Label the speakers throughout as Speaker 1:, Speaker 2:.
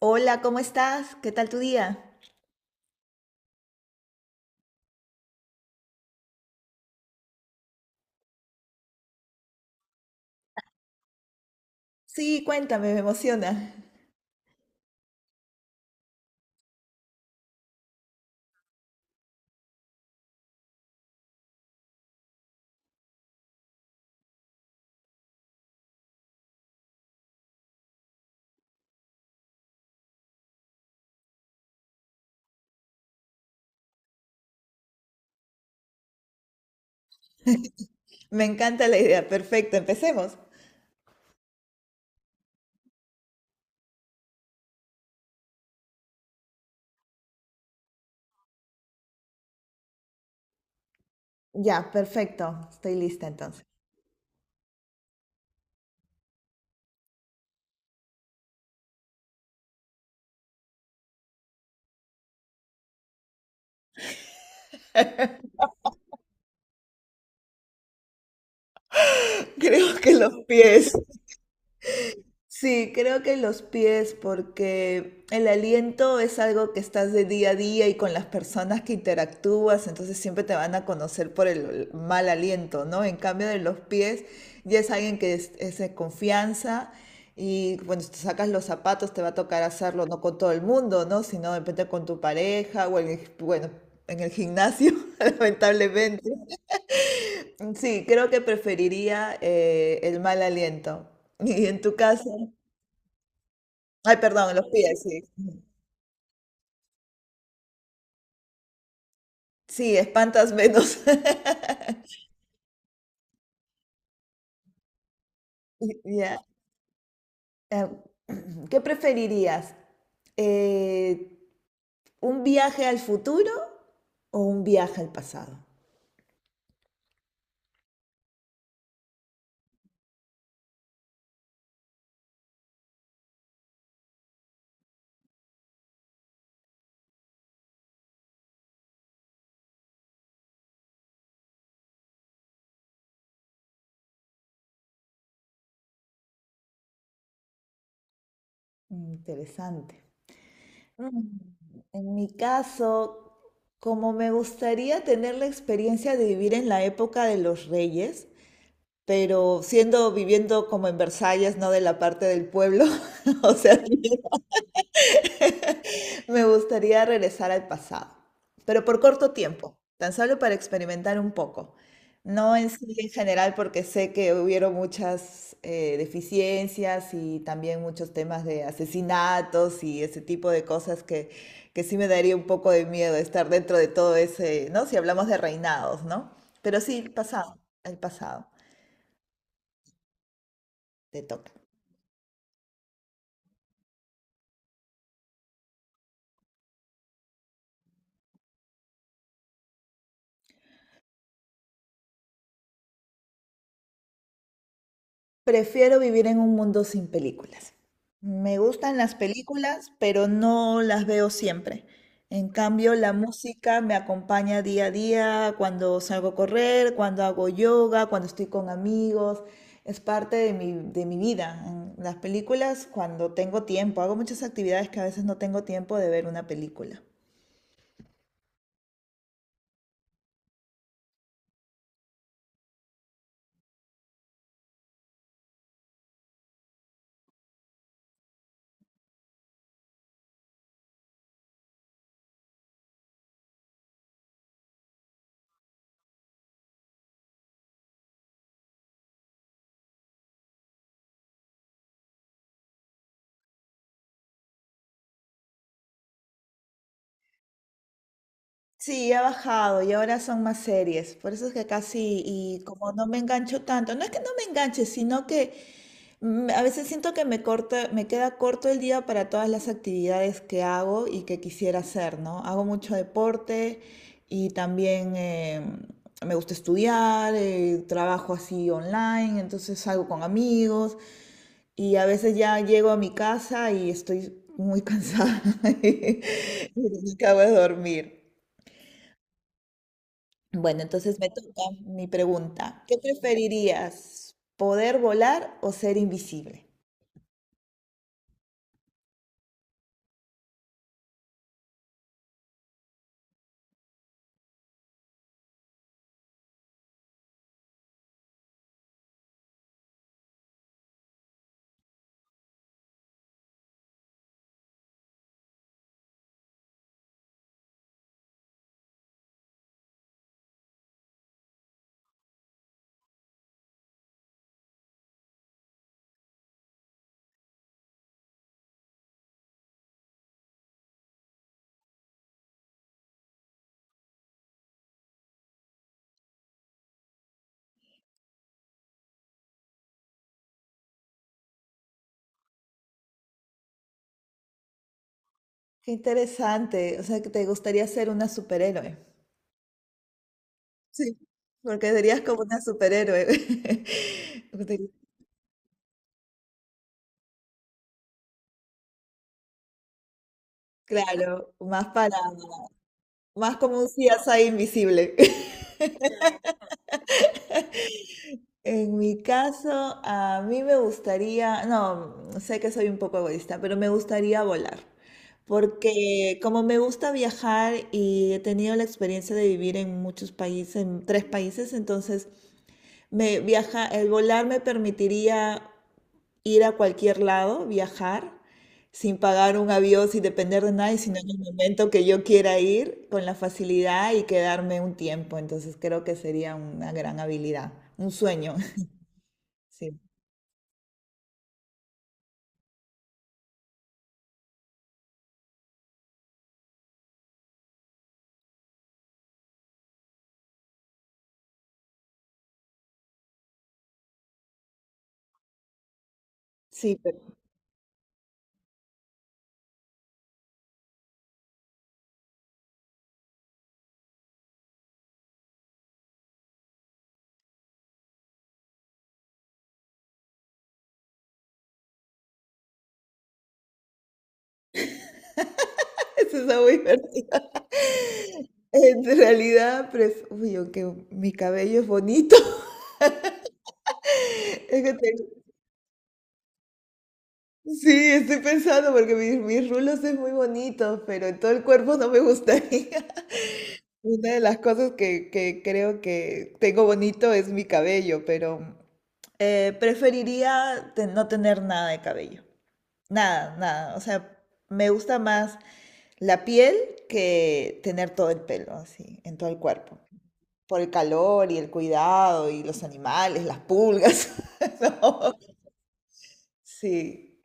Speaker 1: Hola, ¿cómo estás? ¿Qué tal tu día? Sí, cuéntame, me emociona. Me encanta la idea. Perfecto, empecemos. Ya, perfecto. Estoy lista entonces. Creo que los pies. Sí, creo que los pies, porque el aliento es algo que estás de día a día y con las personas que interactúas, entonces siempre te van a conocer por el mal aliento, ¿no? En cambio de los pies, ya es alguien que es de confianza y cuando te sacas los zapatos te va a tocar hacerlo no con todo el mundo, ¿no? Sino de repente con tu pareja o en el, bueno, en el gimnasio, lamentablemente. Sí, creo que preferiría el mal aliento. ¿Y en tu caso? Ay, perdón, los pies, sí. Sí, espantas menos. Ya. eh, ¿Qué preferirías? Eh, ¿Un viaje al futuro o un viaje al pasado? Mm, interesante. Mm, En mi caso, como me gustaría tener la experiencia de vivir en la época de los reyes, pero siendo viviendo como en Versalles, no de la parte del pueblo, o sea, me gustaría regresar al pasado, pero por corto tiempo, tan solo para experimentar un poco. No en sí en general porque sé que hubieron muchas deficiencias y también muchos temas de asesinatos y ese tipo de cosas que sí me daría un poco de miedo estar dentro de todo ese, ¿no? Si hablamos de reinados, ¿no? Pero sí, el pasado, te toca. Prefiero vivir en un mundo sin películas. Me gustan las películas, pero no las veo siempre. En cambio, la música me acompaña día a día, cuando salgo a correr, cuando hago yoga, cuando estoy con amigos. Es parte de mi vida. En las películas, cuando tengo tiempo, hago muchas actividades que a veces no tengo tiempo de ver una película. Sí, ha bajado y ahora son más series. Por eso es que casi, y como no me engancho tanto, no es que no me enganche, sino que a veces siento que me queda corto el día para todas las actividades que hago y que quisiera hacer, ¿no? Hago mucho deporte y también me gusta estudiar, trabajo así online, entonces salgo con amigos y a veces ya llego a mi casa y estoy muy cansada y acabo de dormir. Bueno, entonces me toca mi pregunta. ¿Qué preferirías? ¿Poder volar o ser invisible? Qué interesante. O sea, que te gustaría ser una superhéroe. Sí, porque serías como una superhéroe. Te- Claro, más para, más como un CSI invisible. En mi caso, a mí me gustaría, no, sé que soy un poco egoísta, pero me gustaría volar, porque como me gusta viajar y he tenido la experiencia de vivir en muchos países, en 3 países, entonces el volar me permitiría ir a cualquier lado, viajar sin pagar un avión, sin depender de nadie, sino en el momento que yo quiera ir, con la facilidad y quedarme un tiempo. Entonces creo que sería una gran habilidad, un sueño. Sí. Sí, pero eso está muy divertido. En realidad, uy, aunque mi cabello es bonito. Es que te- Sí, estoy pensando porque mis rulos es muy bonito, pero en todo el cuerpo no me gustaría. Una de las cosas que creo que tengo bonito es mi cabello, pero no tener nada de cabello. Nada, nada. O sea, me gusta más la piel que tener todo el pelo así, en todo el cuerpo. Por el calor y el cuidado y los animales, las pulgas, ¿no? Sí,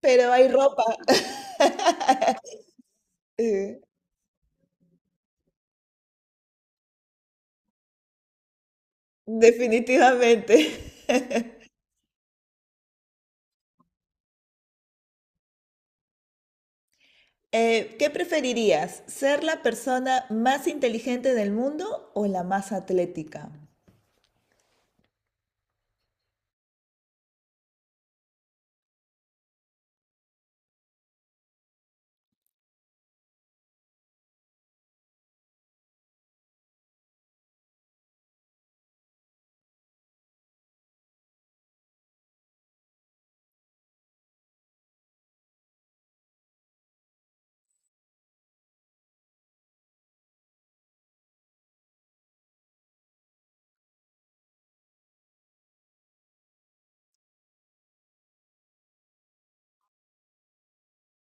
Speaker 1: pero hay ropa, eh, definitivamente. ¿Qué preferirías? ¿Ser la persona más inteligente del mundo o la más atlética?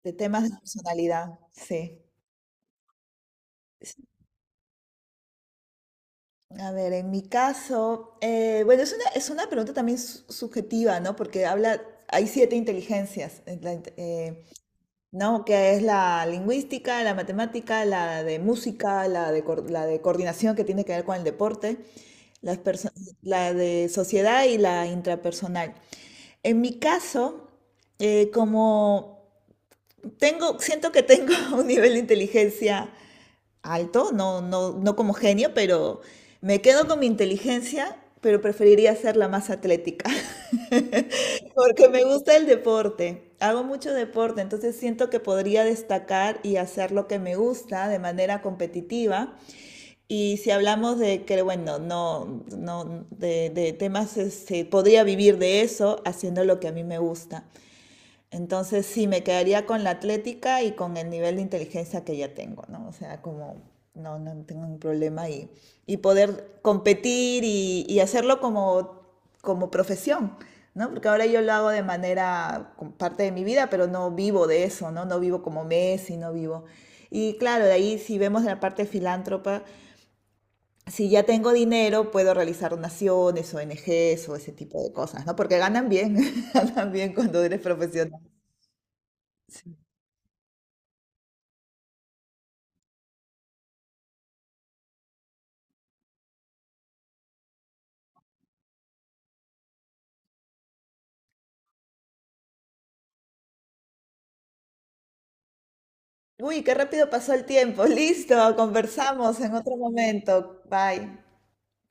Speaker 1: De temas de personalidad, sí. Sí, a ver, en mi caso, bueno, es una pregunta también subjetiva, ¿no? Porque habla, hay 7 inteligencias. ¿No? Que es la lingüística, la matemática, la de música, la de, la de coordinación que tiene que ver con el deporte, las perso- la de sociedad y la intrapersonal. En mi caso, como tengo, siento que tengo un nivel de inteligencia alto, no como genio, pero me quedo con mi inteligencia, pero preferiría ser la más atlética. Porque me gusta el deporte, hago mucho deporte, entonces siento que podría destacar y hacer lo que me gusta de manera competitiva. Y si hablamos de que, bueno, no, no, de temas, este, podría vivir de eso haciendo lo que a mí me gusta. Entonces sí, me quedaría con la atlética y con el nivel de inteligencia que ya tengo, ¿no? O sea, como no tengo un problema y poder competir y hacerlo como, como profesión, ¿no? Porque ahora yo lo hago de manera como parte de mi vida, pero no vivo de eso, ¿no? No vivo como Messi, no vivo. Y claro, de ahí si vemos la parte filántropa, si ya tengo dinero, puedo realizar donaciones, ONGs o ese tipo de cosas, ¿no? Porque ganan bien, ganan bien cuando eres profesional. Sí. Uy, qué rápido pasó el tiempo. Listo, conversamos en otro momento. Bye.